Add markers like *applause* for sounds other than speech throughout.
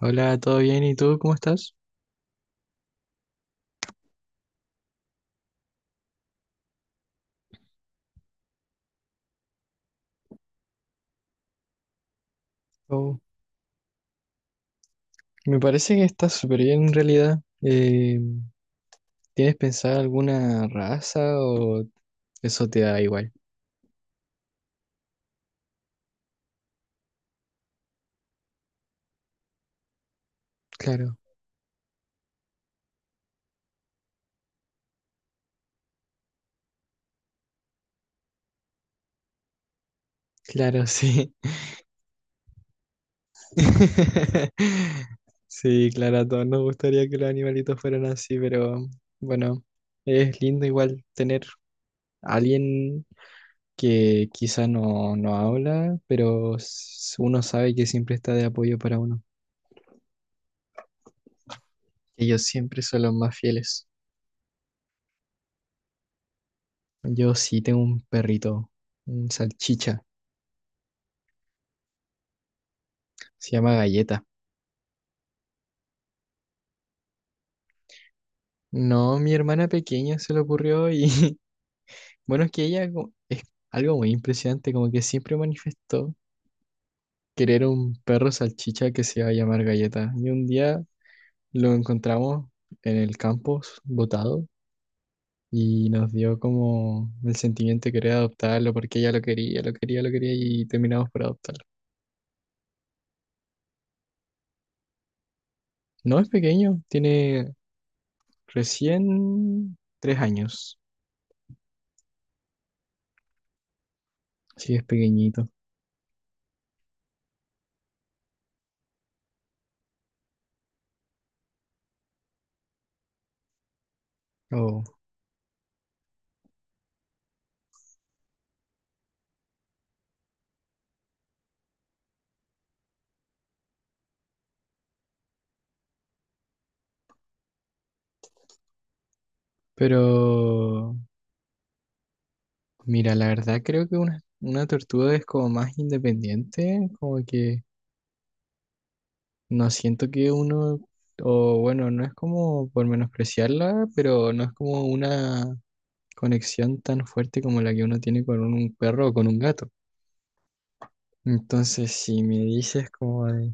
Hola, ¿todo bien? ¿Y tú cómo estás? Oh, me parece que estás súper bien en realidad. ¿Tienes pensado alguna raza o eso te da igual? Claro, claro, sí. *laughs* Sí, claro, a todos nos gustaría que los animalitos fueran así, pero bueno, es lindo igual tener a alguien que quizá no, no habla, pero uno sabe que siempre está de apoyo para uno. Ellos siempre son los más fieles. Yo sí tengo un perrito, un salchicha, se llama Galleta. No, mi hermana pequeña se le ocurrió y *laughs* bueno, es que ella es algo muy impresionante, como que siempre manifestó querer un perro salchicha que se iba a llamar Galleta. Y un día lo encontramos en el campus, botado, y nos dio como el sentimiento de querer adoptarlo porque ella lo quería, lo quería, lo quería y terminamos por adoptarlo. No es pequeño, tiene recién 3 años, así que es pequeñito. Oh, pero mira, la verdad creo que una tortuga es como más independiente, como que no siento que uno, o bueno, no es como por menospreciarla, pero no es como una conexión tan fuerte como la que uno tiene con un perro o con un gato. Entonces, si me dices como de,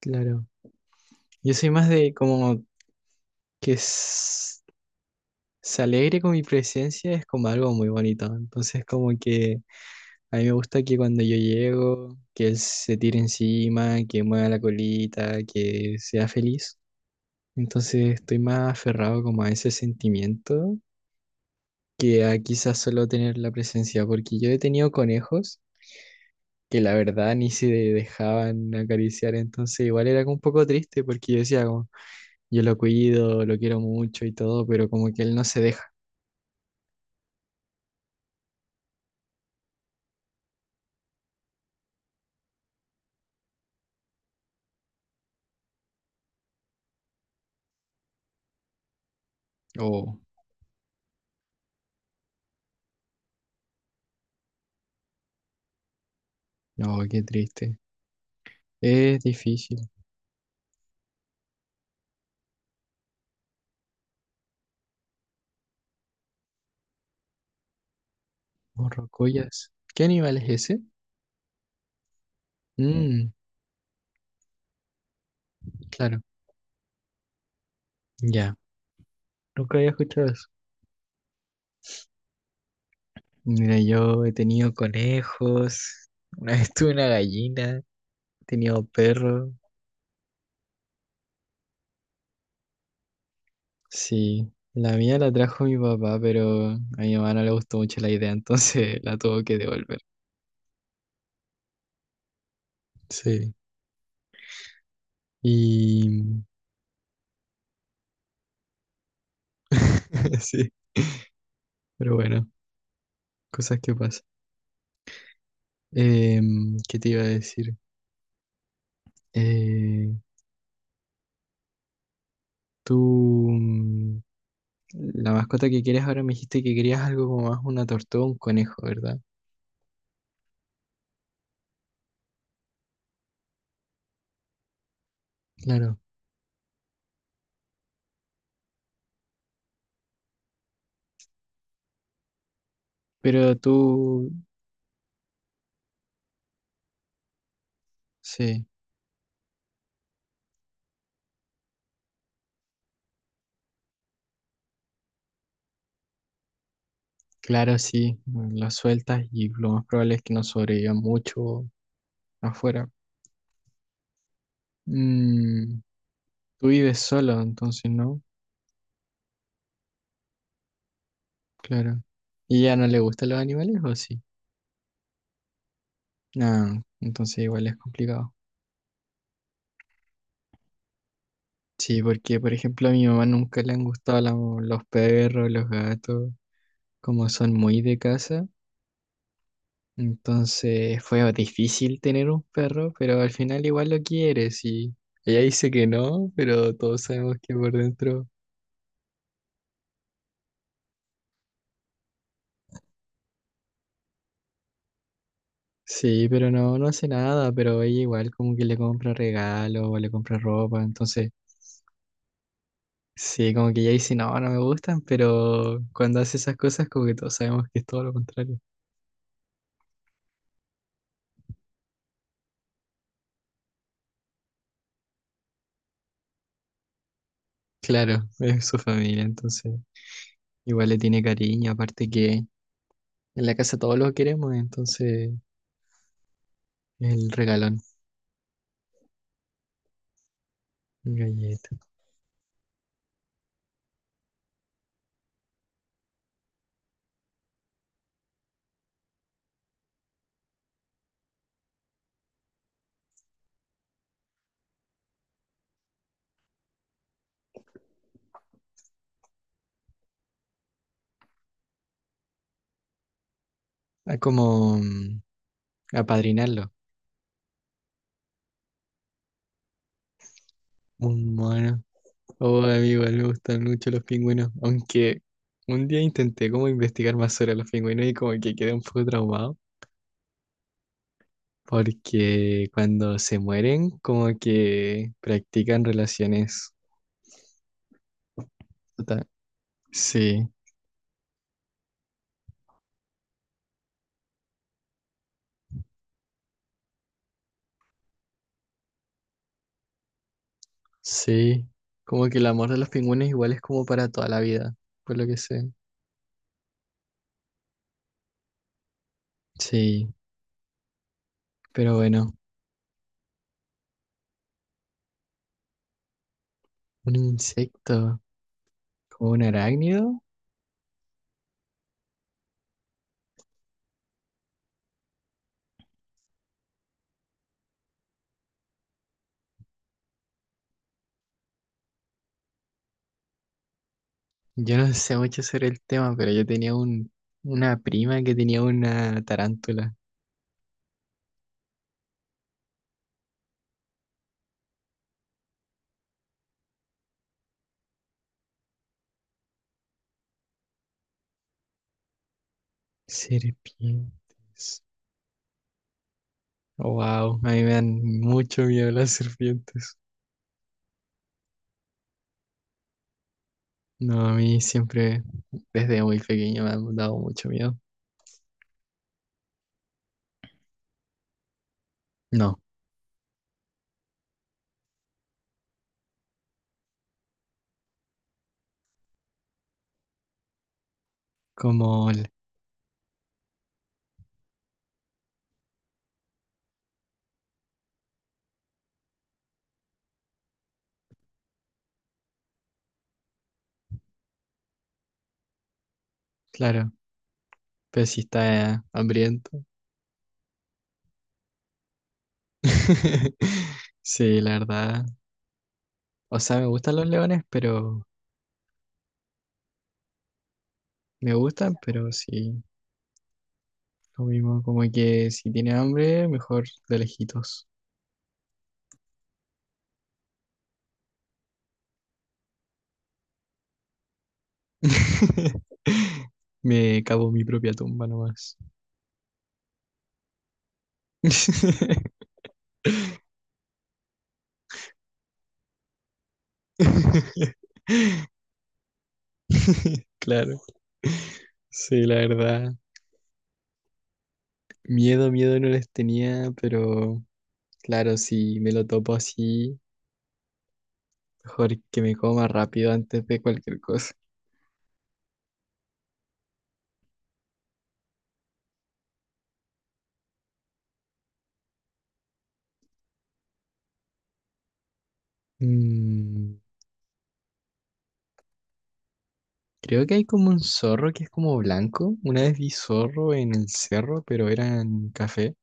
claro, yo soy más de como que se alegre con mi presencia, es como algo muy bonito. Entonces, como que. A mí me gusta que cuando yo llego, que él se tire encima, que mueva la colita, que sea feliz. Entonces estoy más aferrado como a ese sentimiento que a quizás solo tener la presencia, porque yo he tenido conejos que la verdad ni se dejaban acariciar, entonces igual era como un poco triste porque yo decía como, yo lo cuido, lo quiero mucho y todo, pero como que él no se deja. Oh, no, qué triste. Es difícil. Oh, rocollas. ¿Qué animal es ese? Mm, claro. Ya, nunca había escuchado eso. Mira, yo he tenido conejos, una vez tuve una gallina, he tenido perros. Sí, la mía la trajo mi papá, pero a mi mamá no le gustó mucho la idea, entonces *laughs* la tuvo que devolver. Sí, y *laughs* sí, pero bueno, cosas que pasan. ¿Qué te iba a decir? Eh, tú, mm, la mascota que quieres ahora me dijiste que querías algo como más una tortuga o un conejo, ¿verdad? Claro. Pero tú Sí, claro, sí, lo sueltas y lo más probable es que no sobreviva mucho afuera. Mm, Tú vives solo, entonces no, claro. ¿Y ya no le gustan los animales o sí? No, entonces igual es complicado. Sí, porque por ejemplo a mi mamá nunca le han gustado los perros, los gatos, como son muy de casa. Entonces fue difícil tener un perro, pero al final igual lo quieres y ella dice que no, pero todos sabemos que por dentro. Sí, pero no, no hace nada, pero ella igual como que le compra regalos o le compra ropa, entonces sí, como que ella dice, no, no me gustan, pero cuando hace esas cosas como que todos sabemos que es todo lo contrario. Claro, es su familia, entonces igual le tiene cariño, aparte que en la casa todos lo queremos, entonces el regalón, galleta, ah, como apadrinarlo, un mono. Oh, amigo, me gustan mucho los pingüinos, aunque un día intenté como investigar más sobre los pingüinos y como que quedé un poco traumado, porque cuando se mueren como que practican relaciones. total- Sí, sí, como que el amor de los pingüinos igual es como para toda la vida, por lo que sé. Sí, pero bueno, un insecto como un arácnido, yo no sé mucho sobre el tema, pero yo tenía una prima que tenía una tarántula. Serpientes. Wow, a mí me dan mucho miedo las serpientes. No, a mí siempre, desde muy pequeño, me han dado mucho miedo. No, como, claro, pero si está hambriento. *laughs* Sí, la verdad. O sea, me gustan los leones, pero me gustan, pero sí, lo mismo, como que si tiene hambre, mejor de lejitos. *laughs* Me cavo mi propia tumba nomás. *laughs* *laughs* Claro. Sí, la verdad. Miedo, miedo no les tenía, pero claro, si me lo topo así, mejor que me coma rápido antes de cualquier cosa. Mm, Creo que hay como un zorro que es como blanco. Una vez vi zorro en el cerro, pero era en café.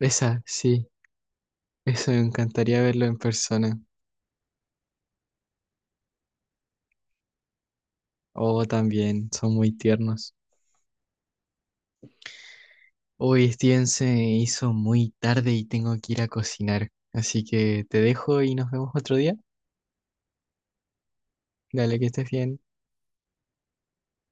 Esa, sí, eso me encantaría verlo en persona. Oh, también, son muy tiernos. Hoy Steven se hizo muy tarde y tengo que ir a cocinar, así que te dejo y nos vemos otro día. Dale, que estés bien.